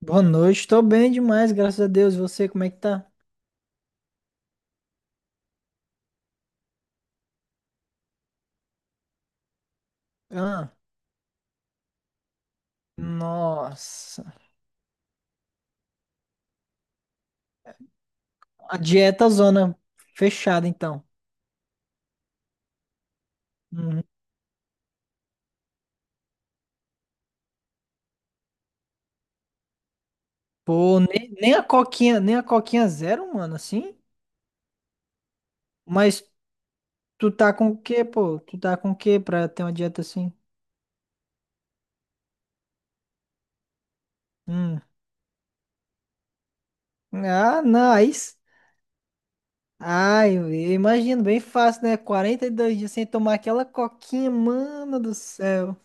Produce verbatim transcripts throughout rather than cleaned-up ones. Boa noite, tô bem demais, graças a Deus. E você, como é que tá? Ah, nossa. A dieta zona fechada, então. Uhum. Pô, nem, nem a coquinha, nem a coquinha zero, mano, assim? Mas tu tá com o quê, pô? Tu tá com o quê pra ter uma dieta assim? Hum. Ah, não, aí... s- Ai, eu imagino, bem fácil, né? Quarenta e dois dias sem tomar aquela coquinha, mano do céu.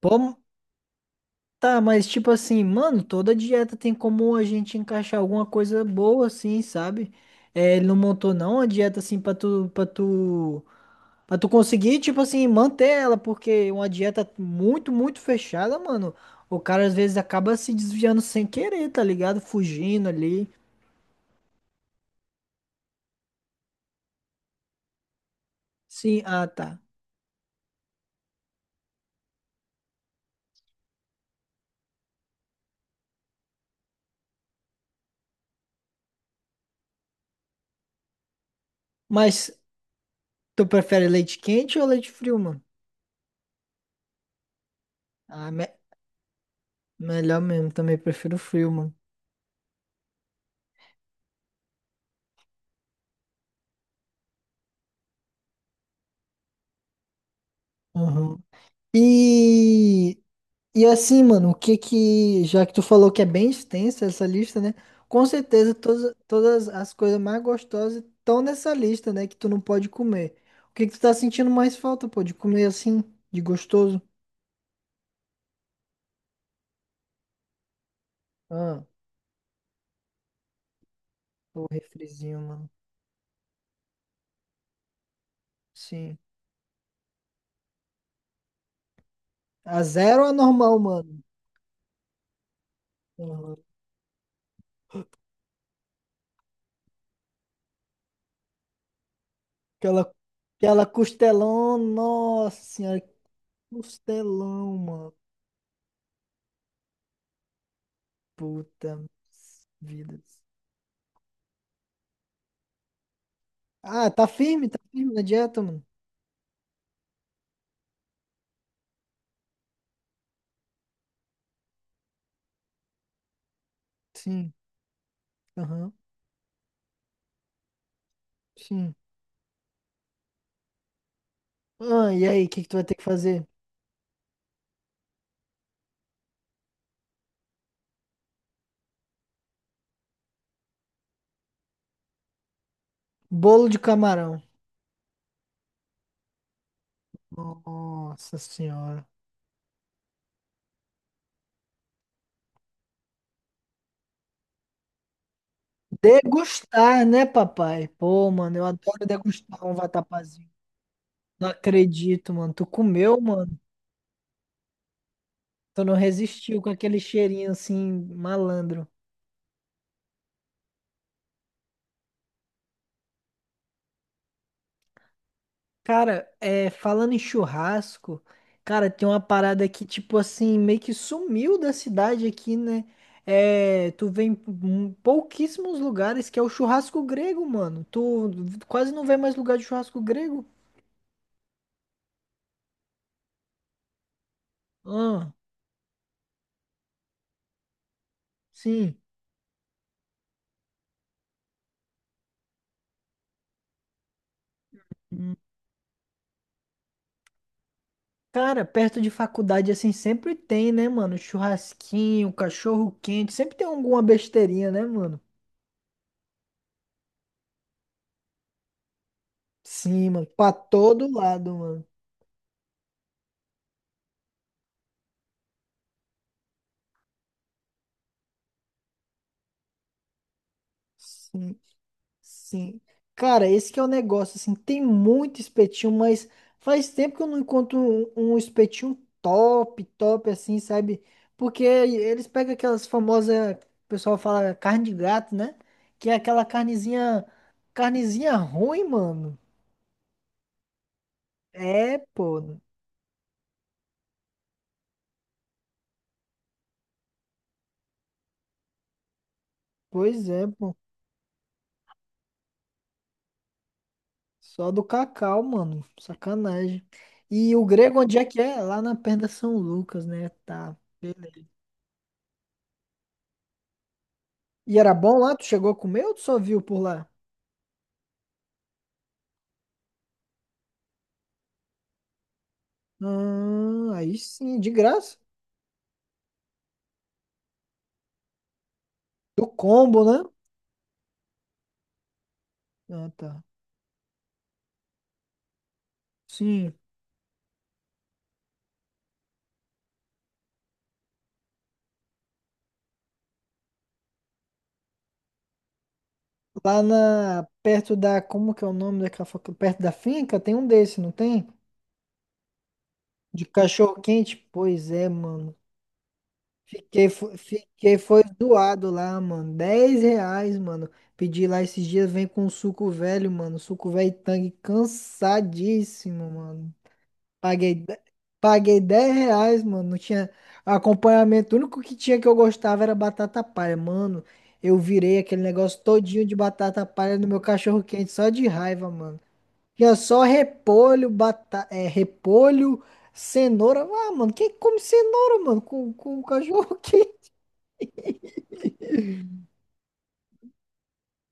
Pô, tá, mas tipo assim, mano, toda dieta tem como a gente encaixar alguma coisa boa assim, sabe? É, ele não montou não a dieta assim pra tu, pra tu, pra tu conseguir, tipo assim, manter ela, porque uma dieta muito, muito fechada, mano, o cara às vezes acaba se desviando sem querer, tá ligado? Fugindo ali. Sim, ah, tá. Mas tu prefere leite quente ou leite frio, mano? Ah, me- melhor mesmo, também prefiro frio, mano. Uhum. E E assim, mano, o que que, já que tu falou que é bem extensa essa lista, né? Com certeza todas, todas as coisas mais gostosas estão nessa lista, né? Que tu não pode comer. O que que tu tá sentindo mais falta, pô, de comer assim, de gostoso? Ah, o refrizinho, mano. Sim. A zero ou a normal, mano. Uhum. Aquela, aquela costelão, nossa senhora, que costelão, mano. Puta vida. Ah, tá firme, tá firme na dieta, mano. Sim. Sim. Ah, e aí, o que que tu vai ter que fazer? Bolo de camarão. Nossa senhora. Degustar, né, papai? Pô, mano, eu adoro degustar um vatapazinho. Não acredito, mano. Tu comeu, mano? Tu não resistiu com aquele cheirinho assim, malandro. Cara, é, falando em churrasco, cara, tem uma parada que, tipo assim, meio que sumiu da cidade aqui, né? É, tu vê em pou- pouquíssimos lugares que é o churrasco grego, mano. Tu quase não vê mais lugar de churrasco grego. Ah, sim. Cara, perto de faculdade, assim, sempre tem, né, mano? Churrasquinho, cachorro quente, sempre tem alguma besteirinha, né, mano? Sim, mano, pra todo lado, mano. Sim. Sim. Cara, esse que é o negócio, assim, tem muito espetinho, mas faz tempo que eu não encontro um, um espetinho top, top, assim, sabe? Porque eles pegam aquelas famosas, o pessoal fala carne de gato, né? Que é aquela carnezinha, carnezinha ruim, mano. É, pô. Pois é, pô. Só do Cacau, mano. Sacanagem. E o grego, onde é que é? Lá na perna São Lucas, né? Tá. Beleza. E era bom lá? Tu chegou a comer ou tu só viu por lá? Ah, aí sim, de graça. Do combo, né? Ah, tá. Sim. Lá na, perto da, como que é o nome daquela, facu- perto da finca, tem um desse, não tem? De cachorro quente? Pois é, mano. Fiquei, fo- fiquei, foi doado lá, mano. Dez reais, mano. Pedi lá esses dias, vem com suco velho, mano. Suco velho Tang, cansadíssimo, mano. Paguei, de- paguei dez reais, mano. Não tinha acompanhamento. O único que tinha que eu gostava era batata palha. Mano, eu virei aquele negócio todinho de batata palha no meu cachorro quente, só de raiva, mano. Tinha só repolho, bata... é, repolho, cenoura. Ah, mano, quem come cenoura, mano, com, com cachorro quente?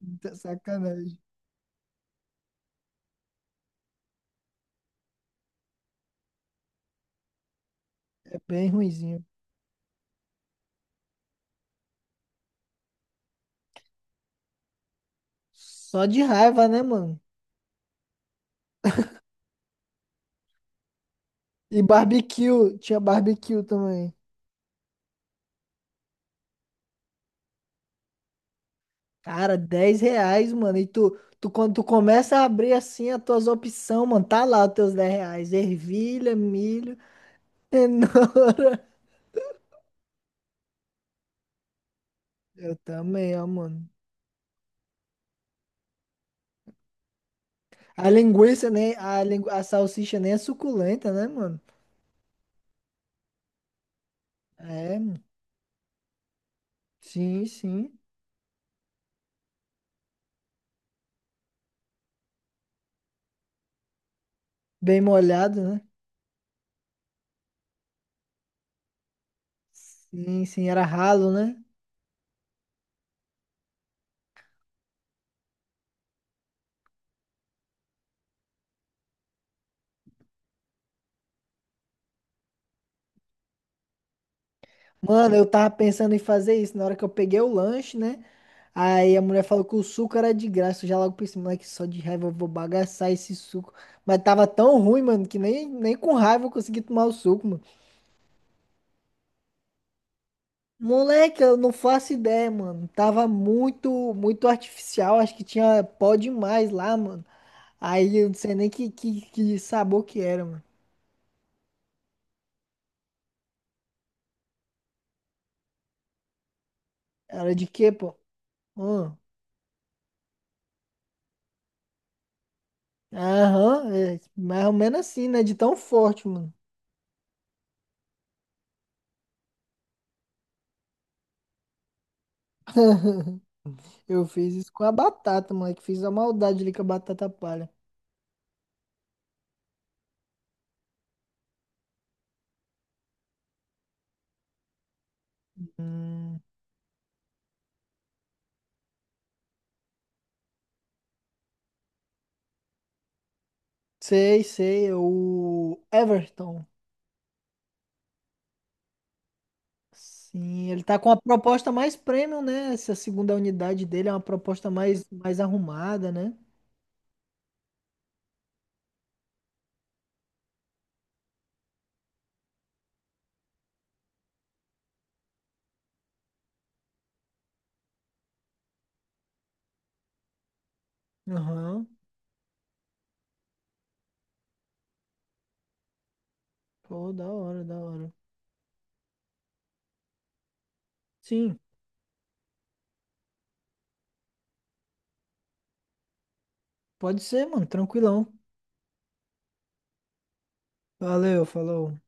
Sacanagem. É bem ruinzinho. Só de raiva, né, mano? E barbecue. Tinha barbecue também. Cara, dez reais, mano. E tu, tu, quando tu começa a abrir assim as tuas opções, mano, tá lá os teus dez reais. Ervilha, milho. É, não. Eu também, ó, mano. A linguiça, né? A, lingu... a salsicha nem é suculenta, né, mano? É, mano. Sim, sim. Bem molhado, né? Sim, sim, era ralo, né? Mano, eu tava pensando em fazer isso na hora que eu peguei o lanche, né? Aí a mulher falou que o suco era de graça. Eu já logo pensei, moleque, só de raiva eu vou bagaçar esse suco. Mas tava tão ruim, mano, que nem, nem com raiva eu consegui tomar o suco, mano. Moleque, eu não faço ideia, mano. Tava muito, muito artificial. Acho que tinha pó demais lá, mano. Aí eu não sei nem que, que, que sabor que era, mano. Era de quê, pô? Hum. Aham, é, mais ou menos assim, né? De tão forte, mano. Eu fiz isso com a batata, moleque. Fiz a maldade ali com a batata palha. Hum. Sei, sei, é o Everton. Sim, ele tá com a proposta mais premium, né? Essa segunda unidade dele é uma proposta mais, mais arrumada, né? Aham. Pô, da hora, da hora. Sim, pode ser, mano, tranquilão. Valeu, falou.